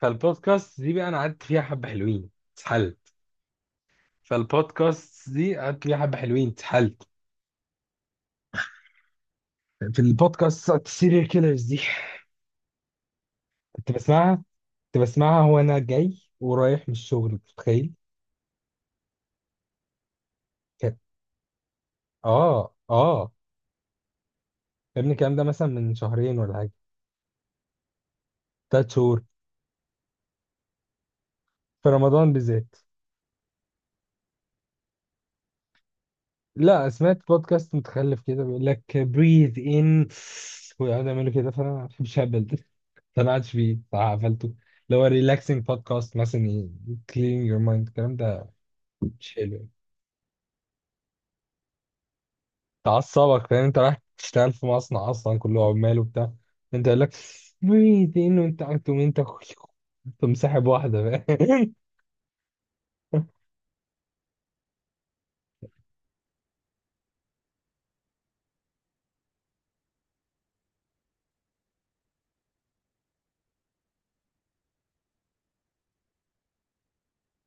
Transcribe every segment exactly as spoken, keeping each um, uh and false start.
فالبودكاست دي بقى انا قعدت فيها حبه حلوين اتسحلت. فالبودكاست دي قعدت فيها حبه حلوين اتسحلت. في البودكاست بتاعت السيريال كيلرز دي. كنت بسمعها كنت بسمعها وانا جاي ورايح من الشغل، أنت متخيل؟ كانت، اه اه يا ابني الكلام ده مثلا من شهرين ولا حاجه، ثلاث شهور. في رمضان بالذات. لا، سمعت بودكاست متخلف كده بيقول لك breathe in ويقعدوا يعملوا كده، فانا ما بحبش اهبل اقتنعتش بيه صراحة، قفلته. اللي هو ريلاكسنج بودكاست مثلا، كلين يور مايند الكلام ده. مش حلو يعني. تعصبك، فاهم؟ انت رايح تشتغل في مصنع اصلا كله عمال وبتاع. انت يقول لك ميت، انه انت انت انت انت مسحب واحدة، فاهم؟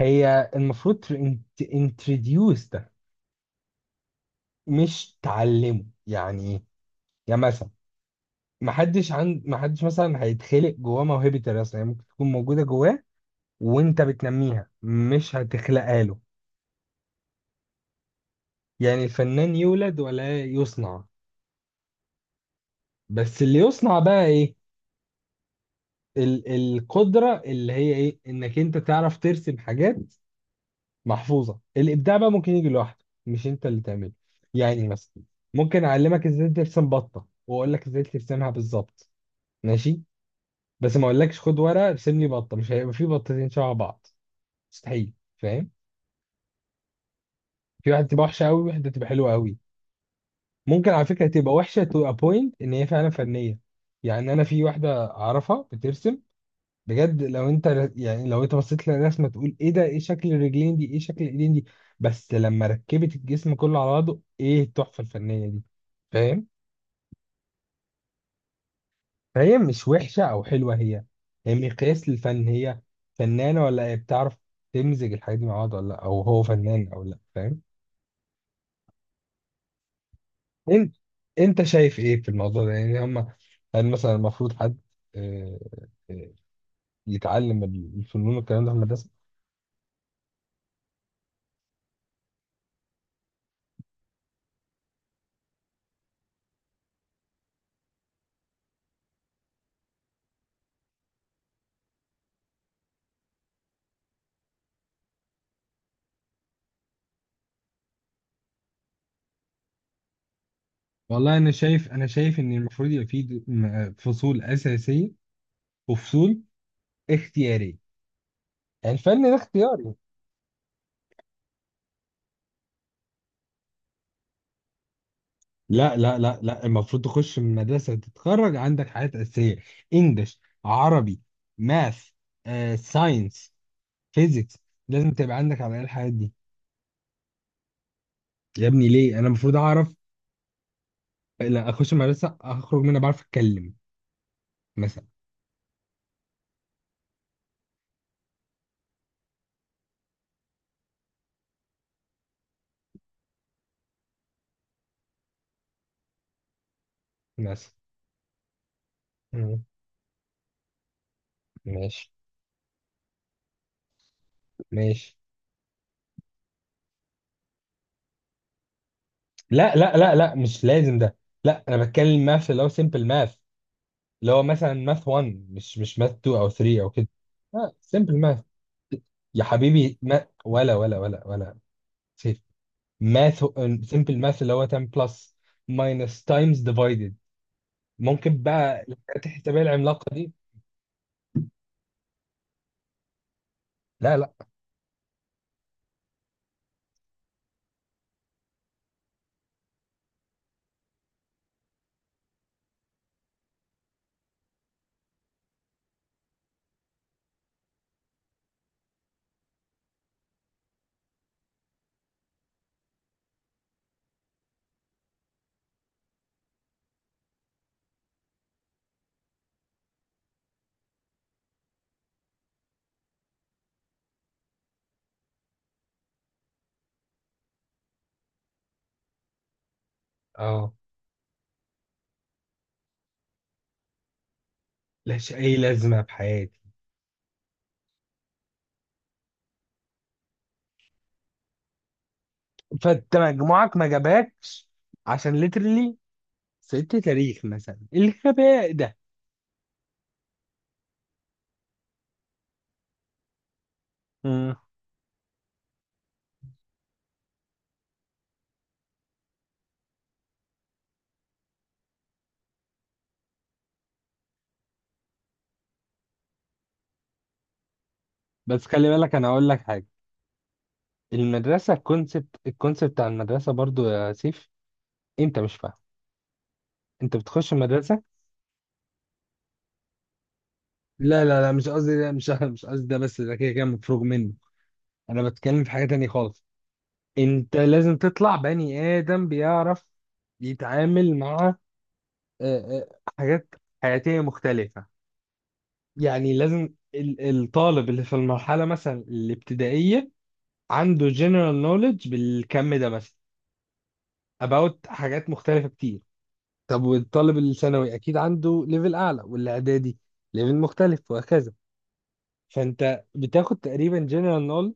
هي المفروض انتروديوس ده، مش تعلمه، يعني ايه؟ يعني مثلا ما حدش عند ما حدش مثلا هيتخلق جواه موهبة الرسم، هي ممكن تكون موجودة جواه وانت بتنميها، مش هتخلقها له. يعني الفنان يولد ولا يصنع؟ بس اللي يصنع بقى ايه؟ ال... القدرة اللي هي ايه، انك انت تعرف ترسم حاجات محفوظة. الابداع بقى ممكن يجي لوحده، مش انت اللي تعمله. يعني مثلا ممكن اعلمك ازاي ترسم بطة واقول لك ازاي ترسمها بالظبط، ماشي. بس ما اقولكش خد ورقة ارسم لي بطة، مش هيبقى في بطتين شبه بعض. مستحيل، فاهم؟ في واحدة تبقى وحشة قوي وواحدة تبقى حلوة قوي. ممكن على فكرة تبقى وحشة تو ا بوينت ان هي فعلا فنية. يعني انا في واحدة اعرفها بترسم بجد، لو انت ر- يعني لو انت بصيت للرسمه تقول ايه ده، ايه شكل الرجلين دي، ايه شكل الايدين دي. بس لما ركبت الجسم كله على بعضه، ايه التحفه الفنيه دي، فاهم؟ فهي مش وحشه او حلوه، هي هي مقياس للفن. هي فنانه، ولا هي بتعرف تمزج الحاجات دي مع بعض ولا لا، او هو فنان او لا، فاهم؟ انت، انت شايف ايه في الموضوع ده يعني؟ هم، هل مثلا المفروض حد، آه، آه، يتعلم الفنون والكلام ده في المدرسه؟ والله انا شايف انا شايف ان المفروض يبقى في د- م- فصول اساسيه وفصول اختياريه، يعني الفن ده اختياري. لا لا لا لا، المفروض تخش من مدرسه تتخرج عندك حاجات اساسيه: انجلش، عربي، ماث، آه، ساينس، فيزيكس. لازم تبقى عندك على الأقل الحاجات دي. يا ابني ليه انا المفروض اعرف؟ لا، اخش مدرسه اخرج منها بعرف اتكلم مثلا. مثلا. مم. ماشي. ماشي. لا لا لا لا، مش لازم ده. لا انا بتكلم ماث اللي هو سيمبل ماث، اللي هو مثلا ماث وان، مش مش ماث تو او تلاتة او كده. لا، سيمبل ماث. يا حبيبي، ما ولا ولا ولا ولا سيف. ماث، سيمبل ماث، اللي هو عشرة بلس، ماينس، تايمز، ديفايدد. ممكن بقى الحاجات الحسابيه العملاقه دي. لا لا. اه، لهاش اي لازمه في حياتي. فانت مجموعك ما جابكش عشان ليترلي ست تاريخ مثلا، الغباء ده. مم. بس خلي بالك، انا اقول لك حاجه: المدرسه، الكونسبت، الكونسبت بتاع المدرسه برضو يا سيف، انت مش فاهم. انت بتخش المدرسه. لا لا لا، مش قصدي ده، مش مش قصدي ده. بس ده كده كده مفروغ منه. انا بتكلم في حاجه تانية خالص. انت لازم تطلع بني ادم بيعرف يتعامل مع، آه، آه، حاجات حياتيه مختلفه. يعني لازم ال- الطالب اللي في المرحله مثلا الابتدائيه عنده general knowledge بالكم ده مثلا about حاجات مختلفه كتير. طب والطالب الثانوي اكيد عنده ليفل اعلى، والاعدادي ليفل مختلف، وهكذا. فانت بتاخد تقريبا جنرال نول.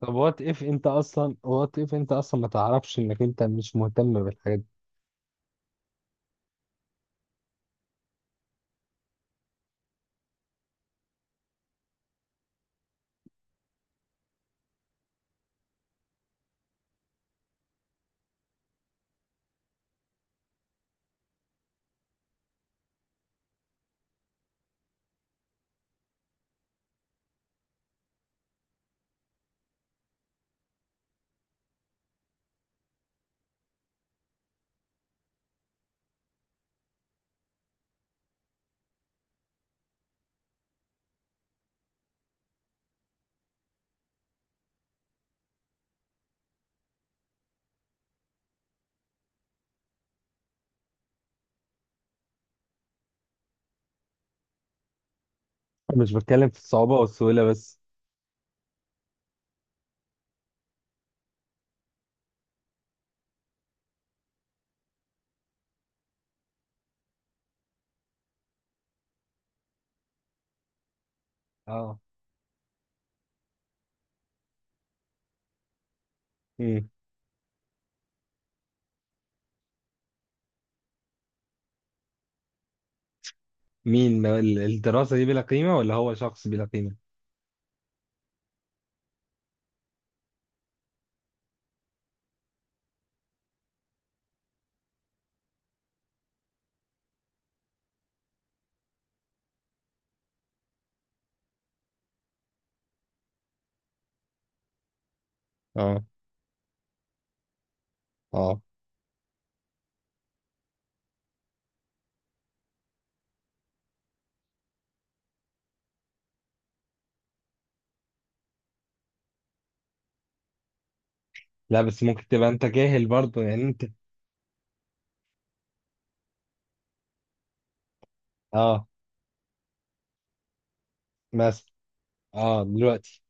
طب وات اف انت اصلا، وات اف انت اصلا ما تعرفش انك انت مش مهتم بالحاجات دي؟ مش بتكلم في الصعوبة والسهولة بس. اه. مم. مين ما- ال- الدراسة دي بلا قيمة ولا هو شخص بلا قيمة؟ اه. اه. لا بس ممكن تبقى انت جاهل برضه، يعني انت. اه، مثلا. اه، دلوقتي.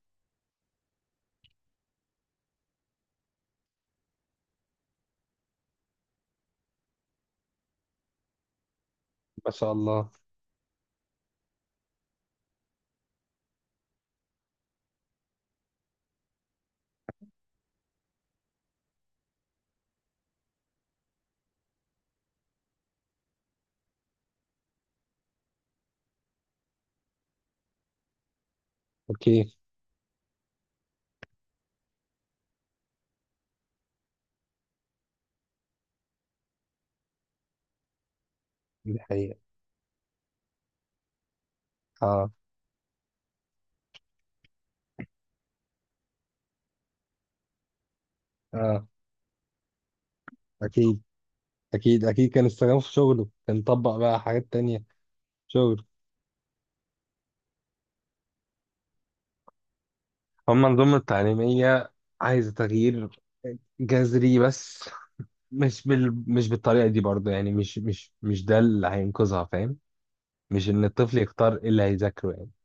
ما شاء الله. اوكي. دي حقيقة. اه. اه، اكيد اكيد اكيد، كان استخدامه في شغله كان طبق بقى حاجات تانية. شغل. هما النظم التعليمية عايزة تغيير جذري، بس مش بال... مش بالطريقة دي برضه، يعني مش مش مش ده اللي هينقذها، فاهم؟ مش إن الطفل يختار إيه اللي هيذاكره يعني.